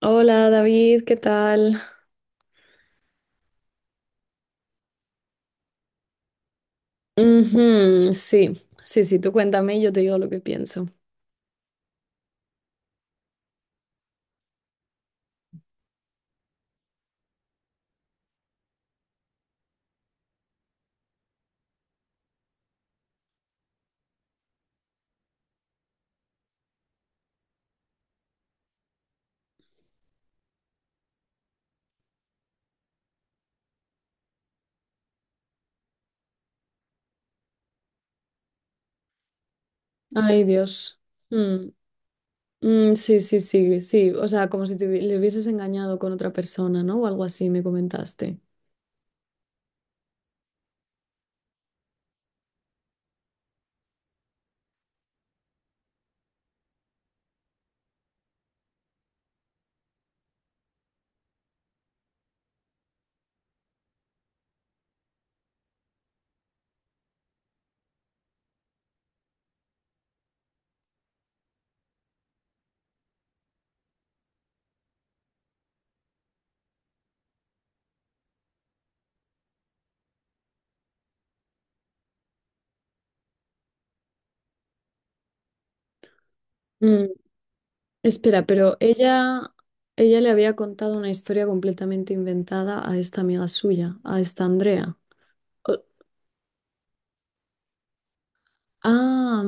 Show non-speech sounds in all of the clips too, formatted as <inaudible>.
Hola David, ¿qué tal? Ujú, sí, sí, sí, tú cuéntame y yo te digo lo que pienso. Ay, Dios. Mm, mm, sí, sí, sí, sí. O sea, como si le hubieses engañado con otra persona, ¿no? O algo así, me comentaste. Mm, espera, pero ella le había contado una historia completamente inventada a esta amiga suya, a esta Andrea. O- ah.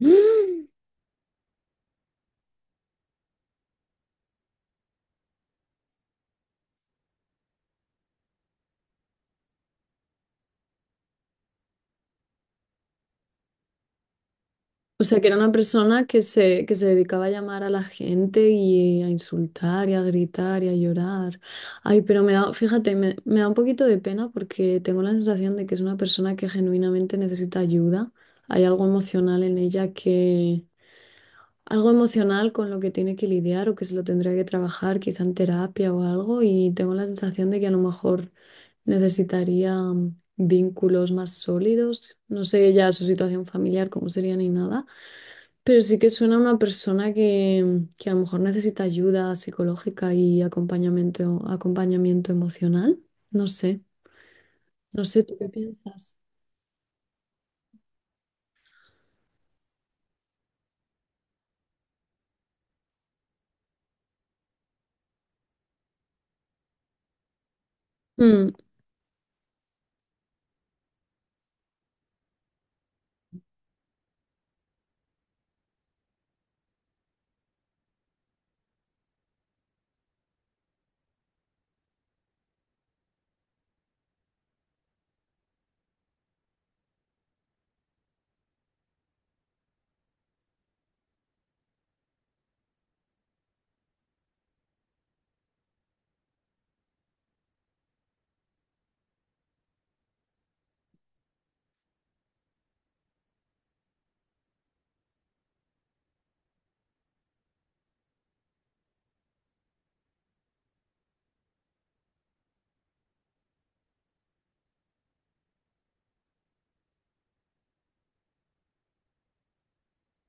<gasps> O sea, que era una persona que se dedicaba a llamar a la gente y a insultar y a gritar y a llorar. Ay, pero me da, fíjate, me da un poquito de pena porque tengo la sensación de que es una persona que genuinamente necesita ayuda. Hay algo emocional en ella que, algo emocional con lo que tiene que lidiar o que se lo tendría que trabajar, quizá en terapia o algo. Y tengo la sensación de que a lo mejor necesitaría vínculos más sólidos. No sé ya su situación familiar, cómo sería ni nada, pero sí que suena a una persona que a lo mejor necesita ayuda psicológica y acompañamiento, acompañamiento emocional. No sé, no sé, ¿tú qué piensas? Mm,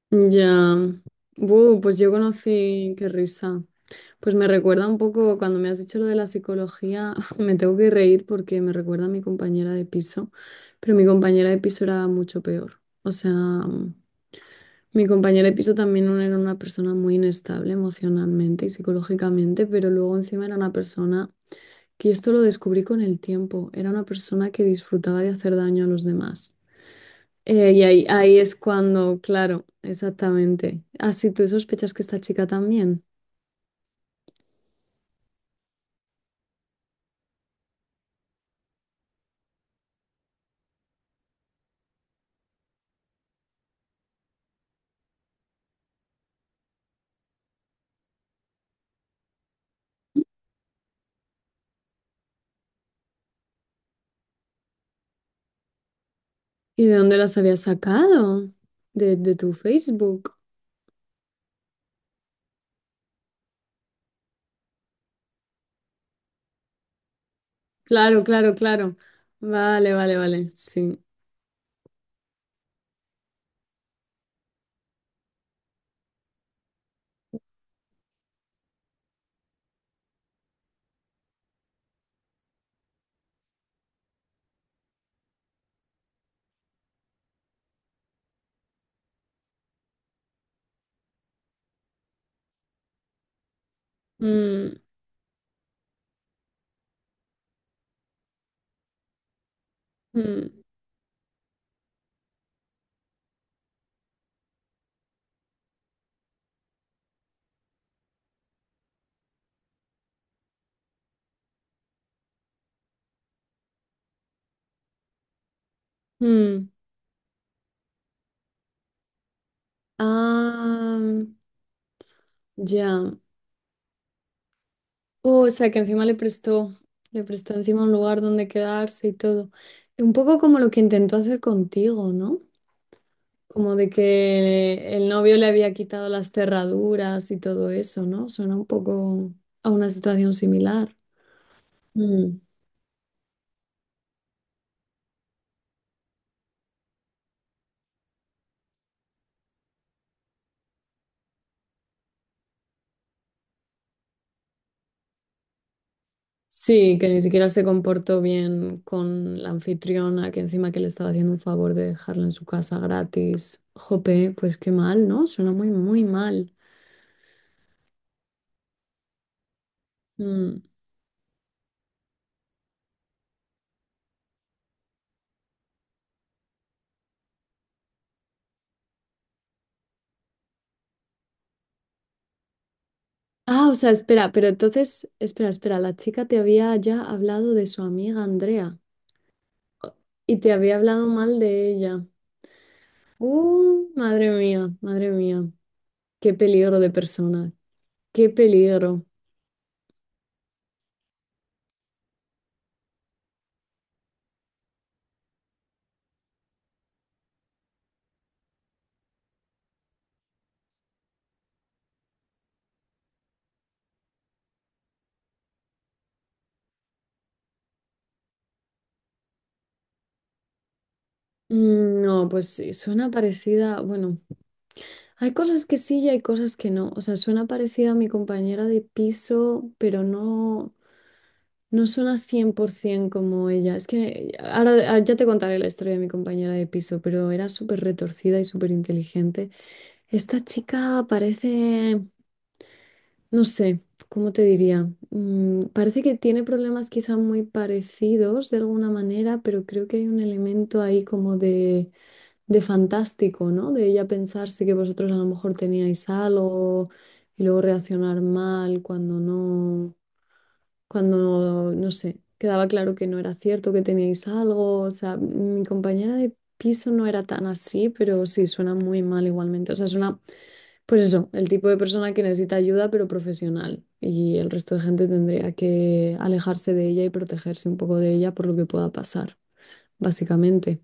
ya. Buh, pues yo conocí, qué risa. Pues me recuerda un poco, cuando me has dicho lo de la psicología, <laughs> me tengo que reír porque me recuerda a mi compañera de piso, pero mi compañera de piso era mucho peor. O sea, mi compañera de piso también era una persona muy inestable emocionalmente y psicológicamente, pero luego encima era una persona que, y esto lo descubrí con el tiempo, era una persona que disfrutaba de hacer daño a los demás. Y ahí, ahí es cuando, claro, exactamente. Así tú sospechas que esta chica también. ¿Y de dónde las habías sacado? De tu Facebook. Claro, claro, claro. Vale, vale, vale. Sí. Mm, mm, mm. Ah, ya. Oh, o sea, que encima le prestó encima un lugar donde quedarse y todo. Un poco como lo que intentó hacer contigo, ¿no? Como de que el novio le había quitado las cerraduras y todo eso, ¿no? Suena un poco a una situación similar. Mm. Sí, que ni siquiera se comportó bien con la anfitriona, que encima que le estaba haciendo un favor de dejarla en su casa gratis. Jope, pues qué mal, ¿no? Suena muy, muy mal. Mm. Ah, o sea, espera, pero entonces, espera, espera, la chica te había ya hablado de su amiga Andrea o- y te había hablado mal de ella. Madre mía, qué peligro de persona, qué peligro. Mm, no, pues sí, suena parecida, bueno, hay cosas que sí y hay cosas que no. O sea, suena parecida a mi compañera de piso, pero no. No suena 100% como ella. Es que ahora ya te contaré la historia de mi compañera de piso, pero era súper retorcida y súper inteligente. Esta chica parece, no sé, ¿cómo te diría? Mm, parece que tiene problemas quizá muy parecidos de alguna manera, pero creo que hay un elemento ahí como de fantástico, ¿no? De ella pensarse que vosotros a lo mejor teníais algo y luego reaccionar mal cuando no, cuando, no sé, quedaba claro que no era cierto, que teníais algo. O sea, mi compañera de piso no era tan así, pero sí, suena muy mal igualmente. O sea, suena, pues eso, el tipo de persona que necesita ayuda, pero profesional. Y el resto de gente tendría que alejarse de ella y protegerse un poco de ella por lo que pueda pasar, básicamente.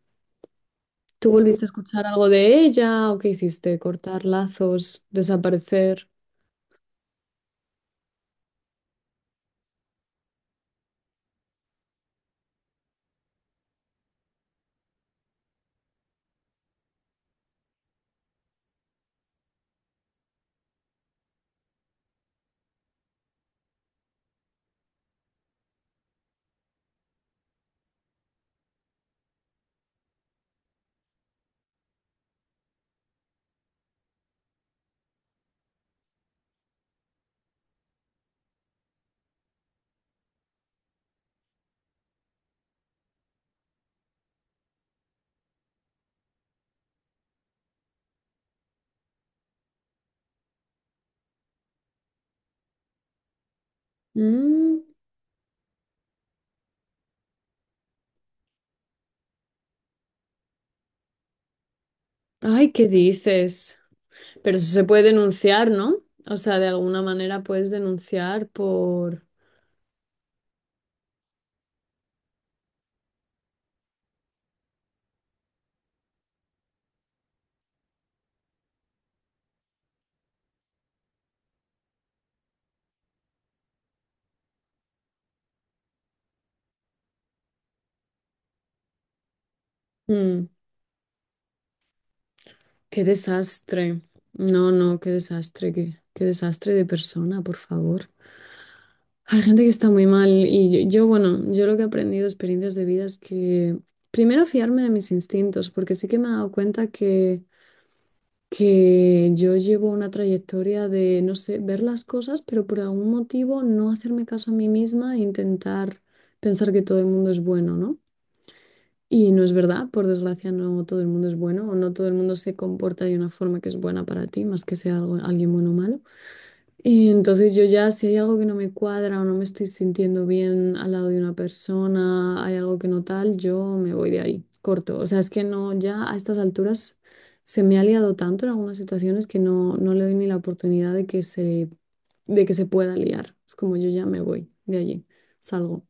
¿Tú volviste a escuchar algo de ella o qué hiciste? ¿Cortar lazos? ¿Desaparecer? Mm, ay, ¿qué dices? Pero eso se puede denunciar, ¿no? O sea, de alguna manera puedes denunciar por... Mm, qué desastre. No, no, qué desastre, qué, qué desastre de persona, por favor. Hay gente que está muy mal y yo, bueno, yo lo que he aprendido, experiencias de vida es que primero fiarme de mis instintos, porque sí que me he dado cuenta que yo llevo una trayectoria de, no sé, ver las cosas, pero por algún motivo no hacerme caso a mí misma e intentar pensar que todo el mundo es bueno, ¿no? Y no es verdad, por desgracia no todo el mundo es bueno o no todo el mundo se comporta de una forma que es buena para ti, más que sea alguien bueno o malo. Y entonces yo ya, si hay algo que no me cuadra o no me estoy sintiendo bien al lado de una persona, hay algo que no tal, yo me voy de ahí, corto. O sea, es que no, ya a estas alturas se me ha liado tanto en algunas situaciones que no, no le doy ni la oportunidad de que se pueda liar. Es como yo ya me voy de allí, salgo.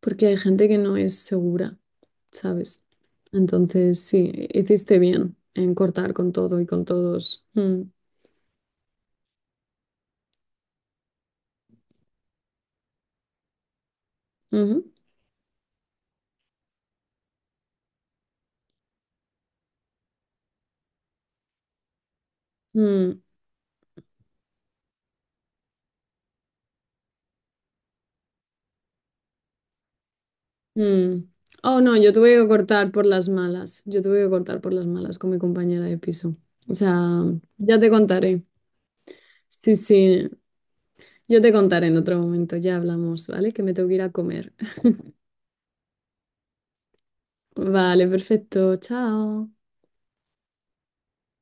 Porque hay gente que no es segura, ¿sabes? Entonces, sí, hiciste bien en cortar con todo y con todos. Mm, ujú, mm. Mm. Oh, no, yo tuve que cortar por las malas. Yo tuve que cortar por las malas con mi compañera de piso. O sea, ya te contaré. Sí, sí, yo te contaré en otro momento. Ya hablamos, ¿vale? Que me tengo que ir a comer. <laughs> Vale, perfecto. Chao.